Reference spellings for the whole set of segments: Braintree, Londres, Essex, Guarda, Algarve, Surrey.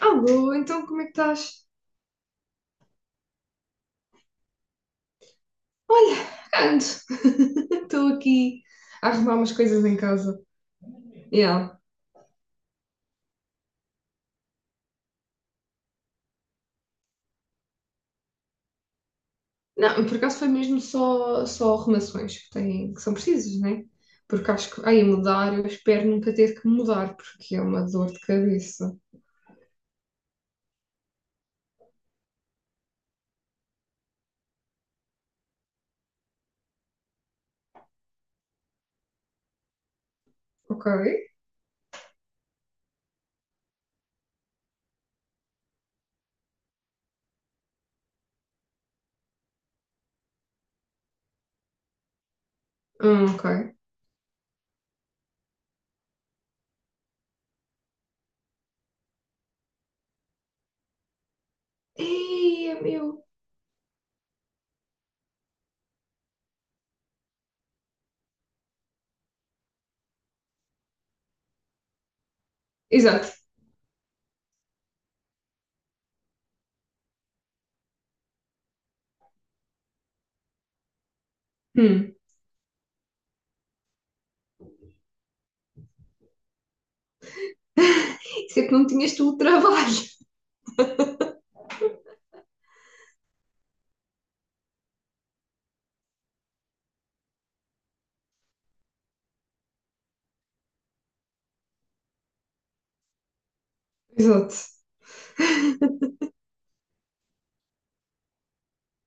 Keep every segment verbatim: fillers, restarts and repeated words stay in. Alô, então como é que estás? Olha, ando. Estou aqui a arrumar umas coisas em casa. Yeah. Não, por acaso foi mesmo só, só arrumações que, têm, que são precisas, né? Porque acho que, ai, mudar, eu espero nunca ter que mudar, porque é uma dor de cabeça. Ok? Hum, ok. Ei, é meu. Exato. Hum. Isso é que não tinhas tu o trabalho. Exato.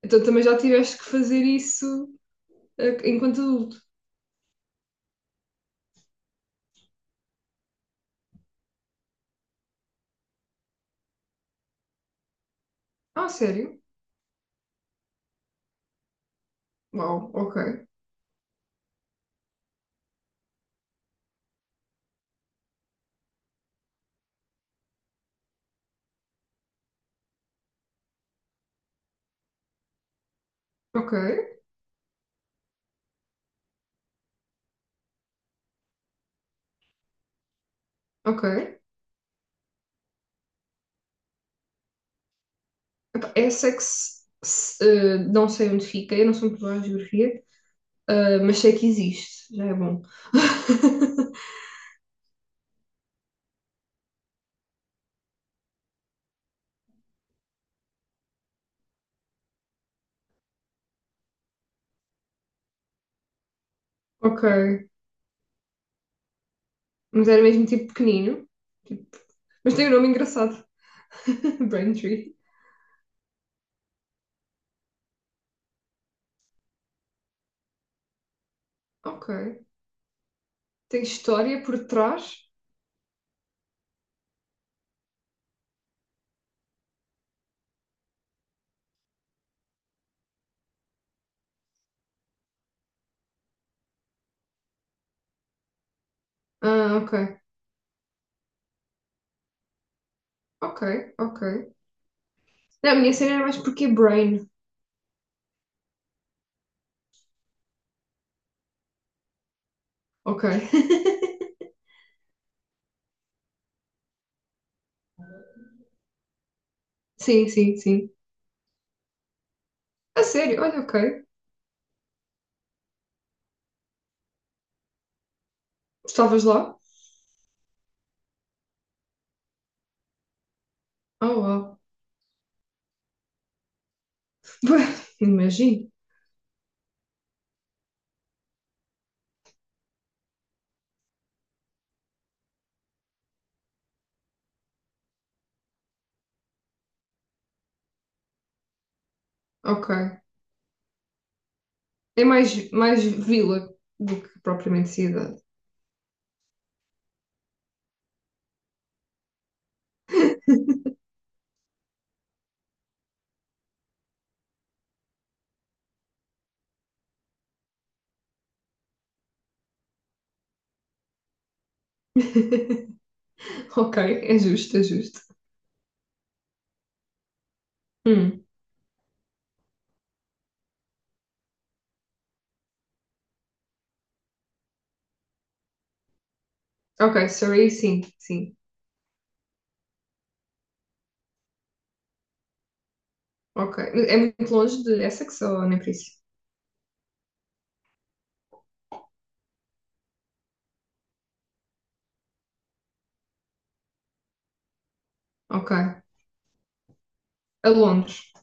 Então também já tiveste que fazer isso. eh, enquanto adulto. Ah, sério? Uau, ok, ok, ok. Epá, Essa é que se, eh, não sei onde fica, eu não sou muito boa em geografia, eh, mas sei que existe, já é bom. Ok, mas era mesmo tipo pequenino, tipo- mas tem um nome engraçado, Braintree. Ok, tem história por trás? Ah, ok, ok, ok. Não, a minha cena era mais porque é Brain, ok. Sim, sim, sim. A sério, olha, ok. Estavas lá? Oh, uau. Pois, Imagino. Ok. É mais, mais vila do que propriamente cidade. Ok, é justo, é justo. Hum. Ok, Surrey, sim, sim. Ok. É muito longe de Essex ou nem por isso? Ok. A Londres,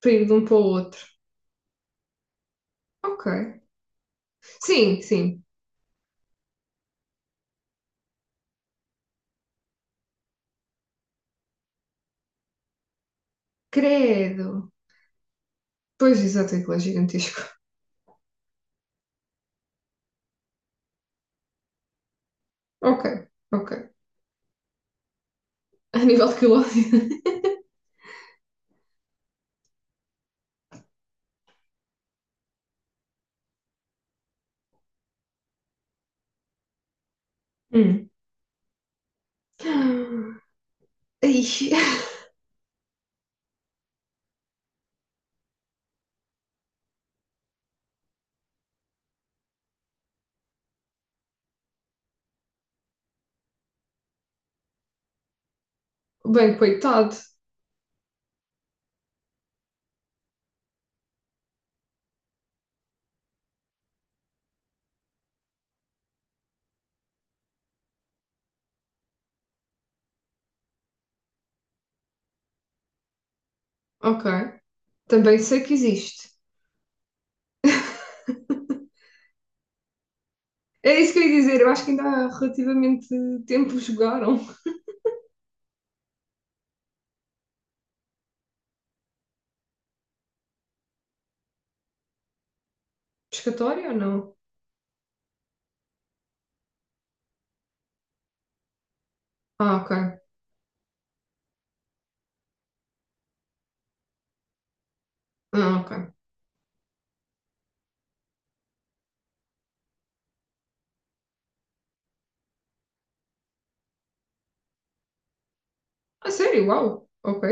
para ir de um para o outro. Ok. Sim, sim. Credo. Pois, exato, aquilo é gigantesco. Ok, ok. A nível de quilómetros. Hum. Ai. Bem, coitado. Ok. Também sei que existe. É isso que eu ia dizer, eu acho que ainda há relativamente tempo jogaram. Pescatória ou não? Ah, ok. Ah, ok. Ah, sério? Uau! Ok,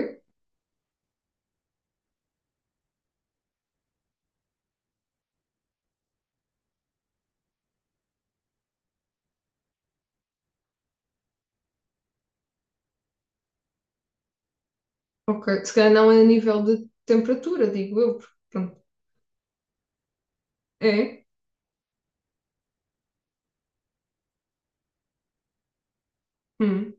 ok. Se calhar não é a nível de temperatura, digo eu, porque, pronto. É? Hum.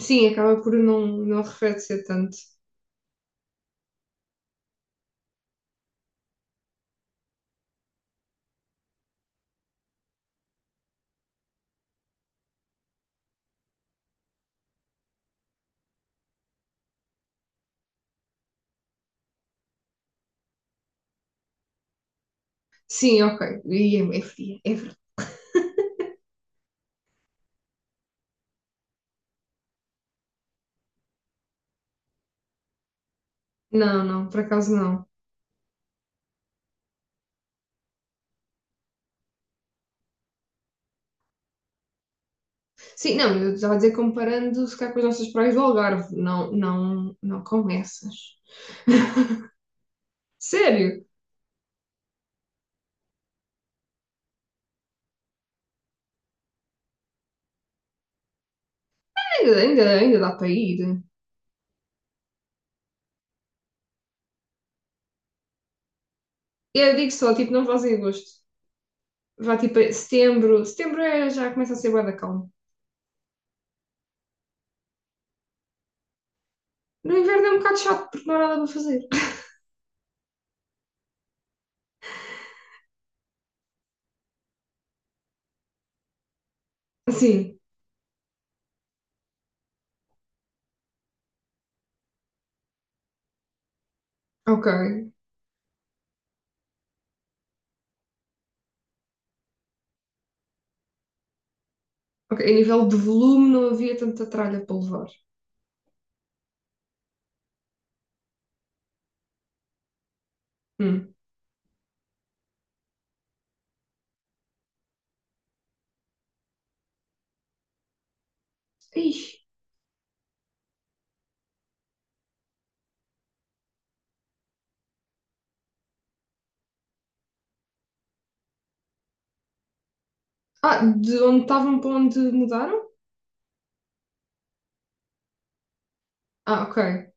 Sim, acaba por não, não arrefecer tanto. Sim, ok. E é, é fria, é verdade. Não, não, por acaso não. Sim, não, eu estava a dizer comparando se calhar com as nossas praias do Algarve. Não, não, não com essas. Sério? Ainda, ainda, ainda dá para ir. Eu digo só, tipo, não faz em agosto. Vá tipo a setembro. Setembro é, já começa a ser bué da calma. No inverno é um bocado chato porque não há nada para fazer. Sim, ok. Ok, a nível de volume não havia tanta tralha para levar. Hum. Ixi. Ah, de onde estavam para onde mudaram? Ah, ok.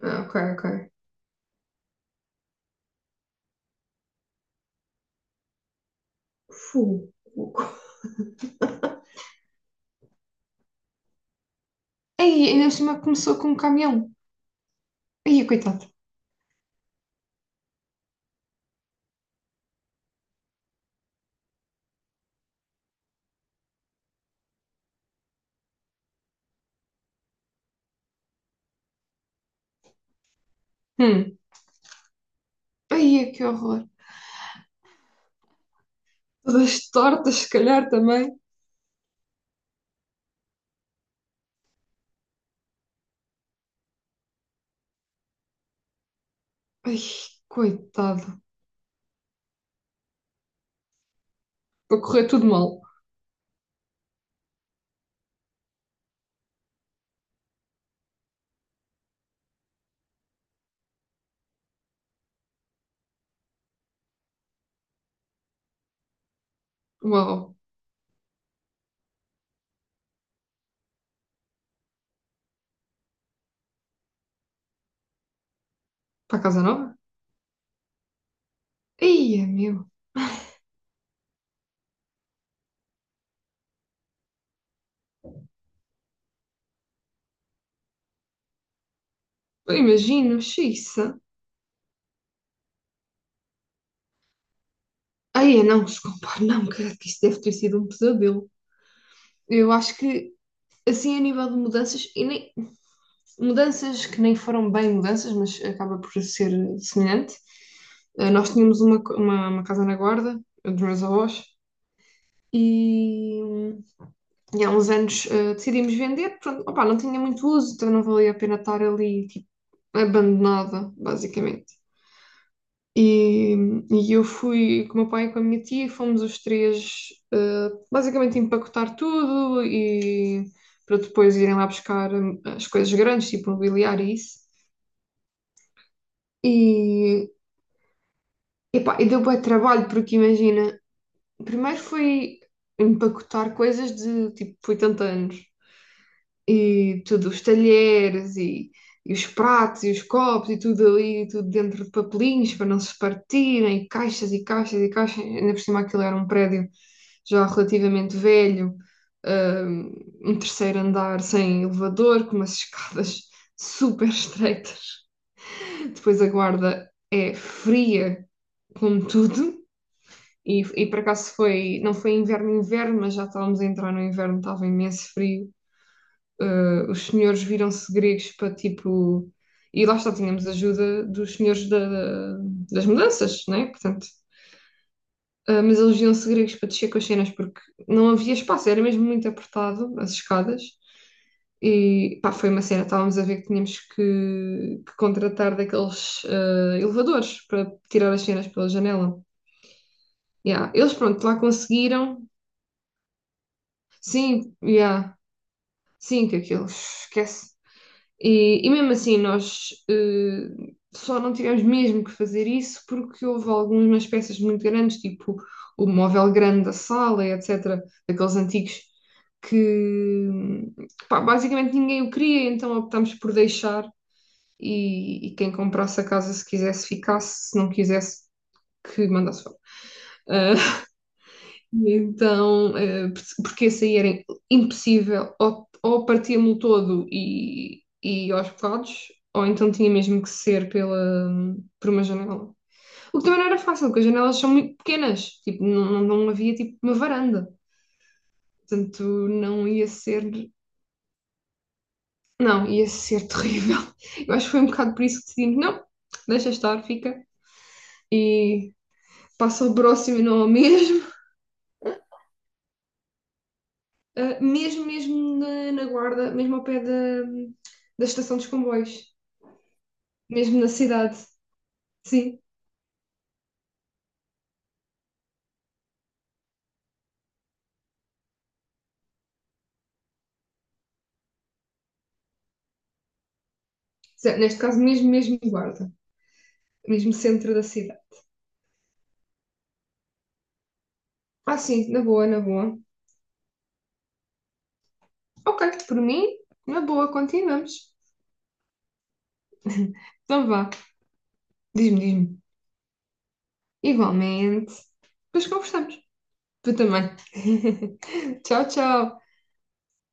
Ah, ok, ok. Fu. Aí, ainda por cima começou com um caminhão. Aí, coitado. Hum. Aí, que horror. Todas tortas, se calhar também. Ai, coitado. Para correr tudo mal. Uau. Para Casa Nova? Ia, meu. Eu imagino, xiça. Aí, não, desculpa, não, credo que isso deve ter sido um pesadelo. Eu acho que, assim, a nível de mudanças, e nem, mudanças que nem foram bem mudanças, mas acaba por ser semelhante. Eh, Nós tínhamos uma, co- uma, uma casa na Guarda, dos meus avós, e, hum, e há uns anos eh, decidimos vender. Pronto, opá, não tinha muito uso, então não valia a pena estar ali, tipo, abandonada, basicamente. E, e eu fui com o meu pai e com a minha tia, e fomos os três eh, basicamente empacotar tudo e para depois irem lá buscar hum, as coisas grandes, tipo mobiliário e isso. E, epá, e deu bué trabalho, porque imagina, primeiro foi empacotar coisas de tipo oitenta anos. E tudo, os talheres e, e os pratos e os copos e tudo ali, tudo dentro de papelinhos para não se partirem, e caixas e caixas e caixas. Ainda por cima aquilo era um prédio já relativamente velho, hum, um terceiro andar sem elevador, com umas escadas super estreitas. Depois a guarda é fria como tudo. E, e por acaso foi, não foi inverno, inverno, mas já estávamos a entrar no inverno, estava imenso frio eh, os senhores viram-se gregos para tipo. E lá está, tínhamos ajuda dos senhores da, da- das mudanças, né? Portanto, eh, mas eles viram-se gregos para descer com as cenas porque não havia espaço, era mesmo muito apertado as escadas. E pá, foi uma cena, estávamos a ver que tínhamos que, que contratar daqueles eh, elevadores para tirar as cenas pela janela. Yeah. Eles, pronto, lá conseguiram. Sim, yeah. Sim, que aquilo esquece. E, e mesmo assim, nós eh, só não tivemos mesmo que fazer isso porque houve algumas peças muito grandes, tipo o móvel grande da sala, etcétera, daqueles antigos, que pá, basicamente ninguém o queria, então optámos por deixar e, e quem comprasse a casa, se quisesse, ficasse, se não quisesse, que mandasse fora. Ah, e Então, eh, porque esse aí era impossível, ou, ou partia-me o todo e, e aos bocados, ou então tinha mesmo que ser pela, por uma janela. O que também não era fácil, porque as janelas são muito pequenas, tipo, não, não, não havia tipo uma varanda, portanto não ia ser, não, ia ser terrível. Eu acho que foi um bocado por isso que decidimos, não, deixa estar, fica, e passa o próximo e não ao mesmo. eh, mesmo, mesmo na, na Guarda, mesmo ao pé da, da estação dos comboios, mesmo na cidade, sim. Se- Neste caso, mesmo, mesmo Guarda, mesmo centro da cidade. Ah, sim, na boa, na boa. Ok, por mim, na boa, continuamos. Então vá, diz-me, diz-me. Igualmente. Depois conversamos. Tu também. Tchau, tchau.